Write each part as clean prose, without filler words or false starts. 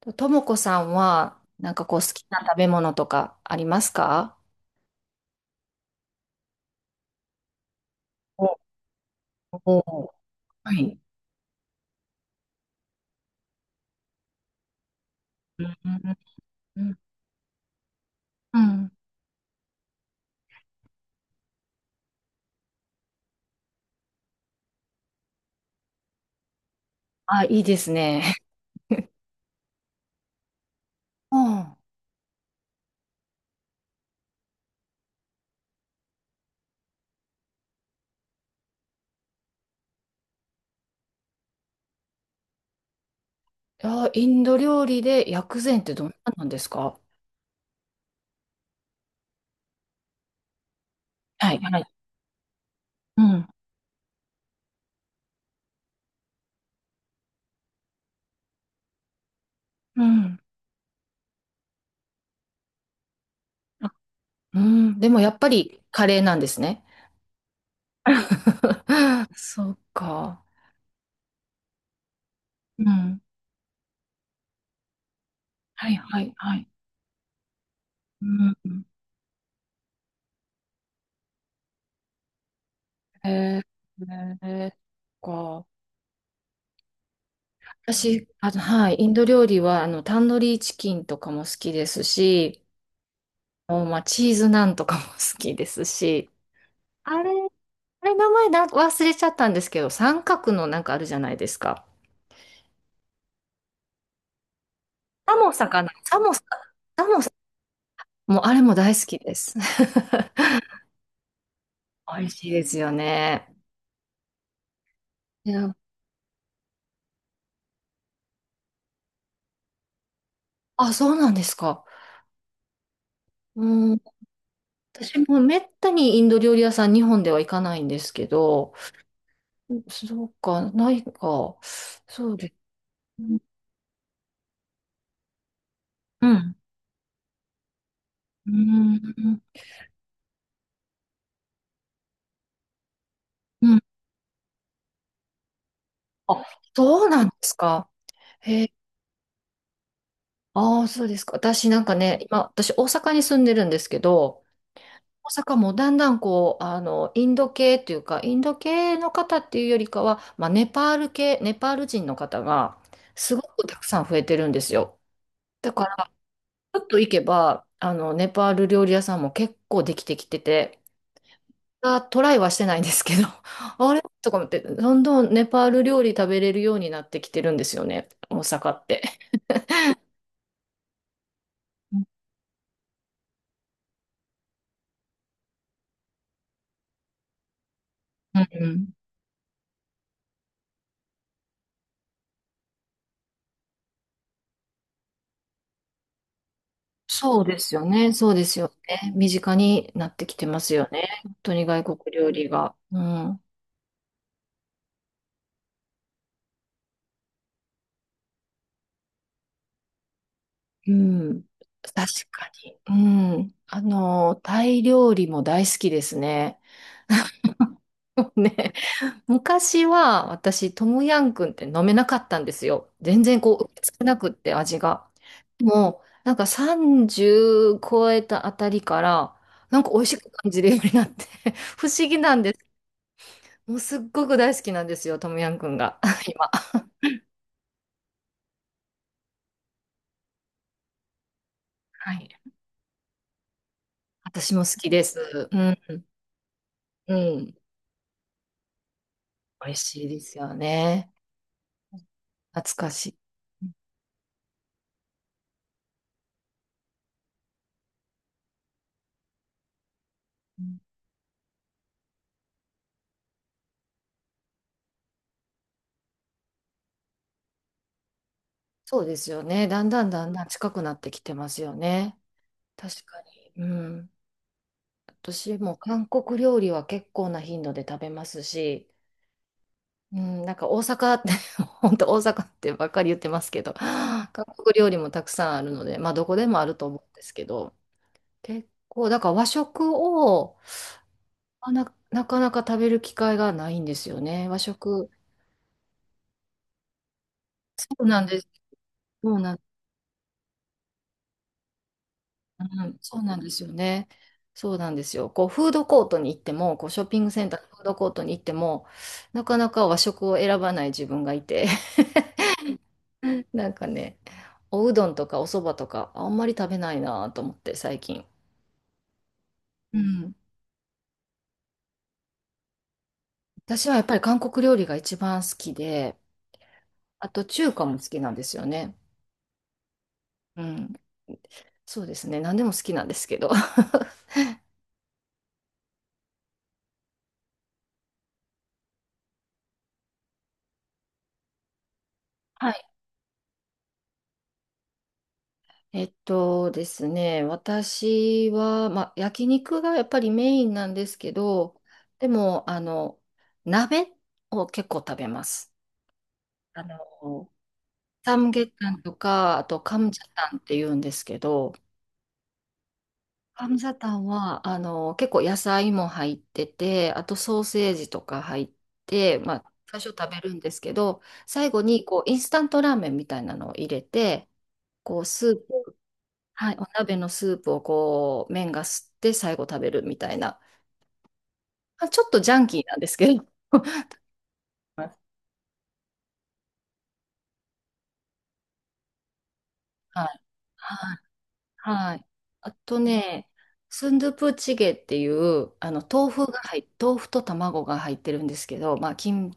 ともこさんは、好きな食べ物とかありますか？おお、はい。うん、うん、うん。うん。あ、いいですね。うん。いや、インド料理で薬膳ってどんななんですか？はい、はい。うん、うん。あ、うん、でもやっぱりカレーなんですね。そうか。うん。はい、はい、はい。うん。えー、えー、そっか。私、はい、インド料理は、タンドリーチキンとかも好きですし、もうまあ、チーズナンとかも好きですし、あれ、あれ、名前な、忘れちゃったんですけど、三角のなんかあるじゃないですか。サモサかな、サモサ、サモサ、もうあれも大好きです。美味しいですよね。いや、あ、そうなんですか。うん、私もめったにインド料理屋さん、日本では行かないんですけど、そうか、ないか、そうです。うん。うーん、うん。あ、そうなんですか。へえ、ああ、そうですか。私なんかね、今、私大阪に住んでるんですけど、大阪もだんだんこう、インド系というか、インド系の方っていうよりかは、まあ、ネパール系、ネパール人の方が、すごくたくさん増えてるんですよ。だから、ちょっと行けば、ネパール料理屋さんも結構できてきてて、あ、トライはしてないんですけど、あれとか思って、どんどんネパール料理食べれるようになってきてるんですよね、大阪って。うんうん。そうですよね、そうですよね。身近になってきてますよね。本当に外国料理が。うん。うん。確かに。うん。あの、タイ料理も大好きですね。もうね、昔は私、トムヤンクンって飲めなかったんですよ。全然こう、少なくって味が。もう、なんか30超えたあたりから、なんか美味しく感じるようになって 不思議なんです。もうすっごく大好きなんですよ、トムヤンくんが、今。はい。私も好きです。うん、うん。美味しいですよね。懐かしい。うん。そうですよね。だんだんだんだん近くなってきてますよね。確かに。うん。私も韓国料理は結構な頻度で食べますし、うん、なんか大阪って 本当大阪ってばっかり言ってますけど、韓国料理もたくさんあるので、まあどこでもあると思うんですけど、結構、だから和食を、あな、なかなか食べる機会がないんですよね。和食。そうなんです。そうなん、うん、そうなんですよね。そうなんですよ。こうフードコートに行っても、こうショッピングセンターのフードコートに行っても、なかなか和食を選ばない自分がいて、なんかね、おうどんとかおそばとかあんまり食べないなと思って最近。うん。私はやっぱり韓国料理が一番好きで、あと中華も好きなんですよね。うん。そうですね。何でも好きなんですけど。はい。えっとですね、私は、まあ、焼肉がやっぱりメインなんですけど、でも、鍋を結構食べます。あの、サムゲタンとか、あとカムジャタンって言うんですけど、ハムサタンは、結構野菜も入ってて、あとソーセージとか入って、まあ、最初食べるんですけど、最後に、こう、インスタントラーメンみたいなのを入れて、こう、スープ、はい、お鍋のスープをこう、麺が吸って最後食べるみたいな、まあ、ちょっとジャンキーなんですけど、はい、はいはい。あとね、スンドゥプチゲっていう、豆腐と卵が入ってるんですけど、まあ、キム、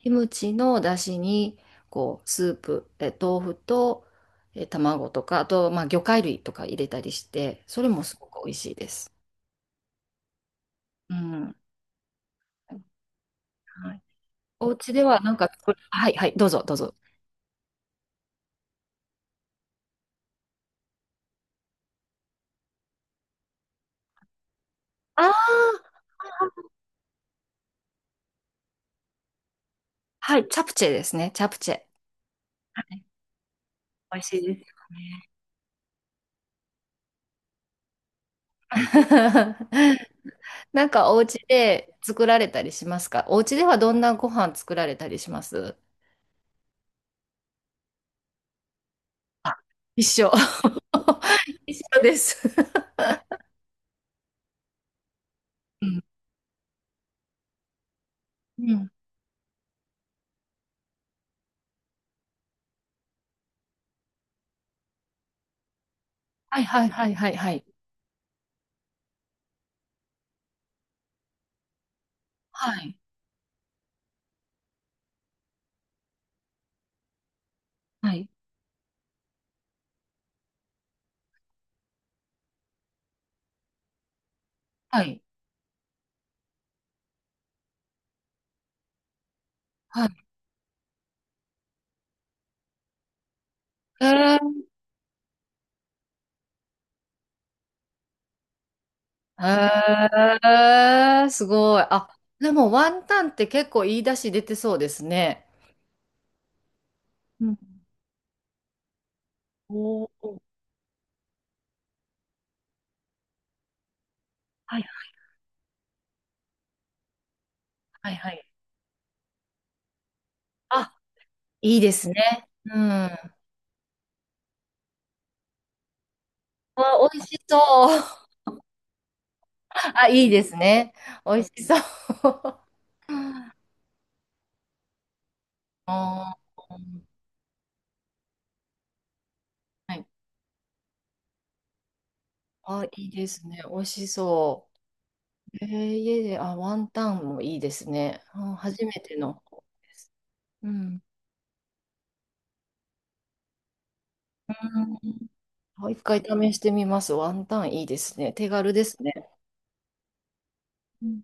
キムチの出汁に、こう、スープ、え、豆腐と、え、卵とか、あと、まあ、魚介類とか入れたりして、それもすごく美味しいです。うん。はい。お家ではなんか作る、はい、はい、どうぞ、どうぞ。ああ、はい、チャプチェですね、チャプチェ。はい、美味しいですよね。なんかお家で作られたりしますか？お家ではどんなご飯作られたりします？あ、一緒。一緒です。うん。うん。はいはいはいはいはい。はい。はい。はい。はい。えー、えー、すごい。あ、でもワンタンって結構言い出し出てそうですね。うん。おお、はいはいはい。あ、いいですね。うん。わ、美味しそう。あ、いいですね。美味しそう。あー、はい。あ、いいですね。美味しそう。えー、家で、あ、ワンタンもいいですね。あ、初めての。うん。うん。あ、一回試してみます。ワンタンいいですね。手軽ですね。うん。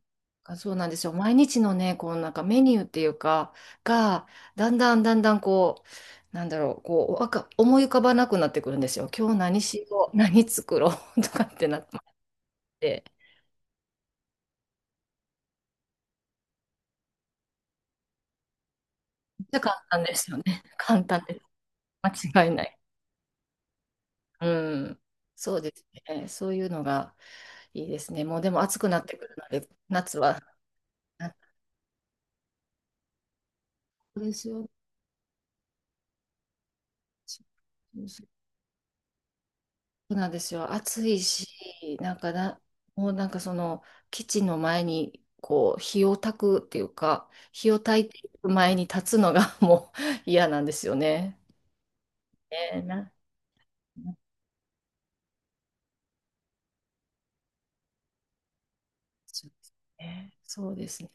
あ、そうなんですよ。毎日のね、こうなんかメニューっていうか、が、だんだんだんだんこう、なんだろう、こう、わか、思い浮かばなくなってくるんですよ。今日何しよう、何作ろう とかってなって、めっちゃ簡単ですよね。簡単です。間違いない。うん。そうですね。そういうのがいいですね。もうでも暑くなってくるので、夏は。そうですよ。そうなんですよ。暑いし、なんかな、もうなんかその、基地の前に、こう、火を焚くっていうか、火を焚いていく前に立つのが もう嫌なんですよね。ねえな、な、そうですね。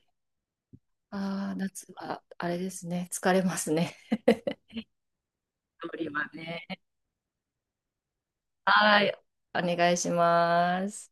ああ、夏はあれですね。疲れますね。料理はね。はい。お願いします。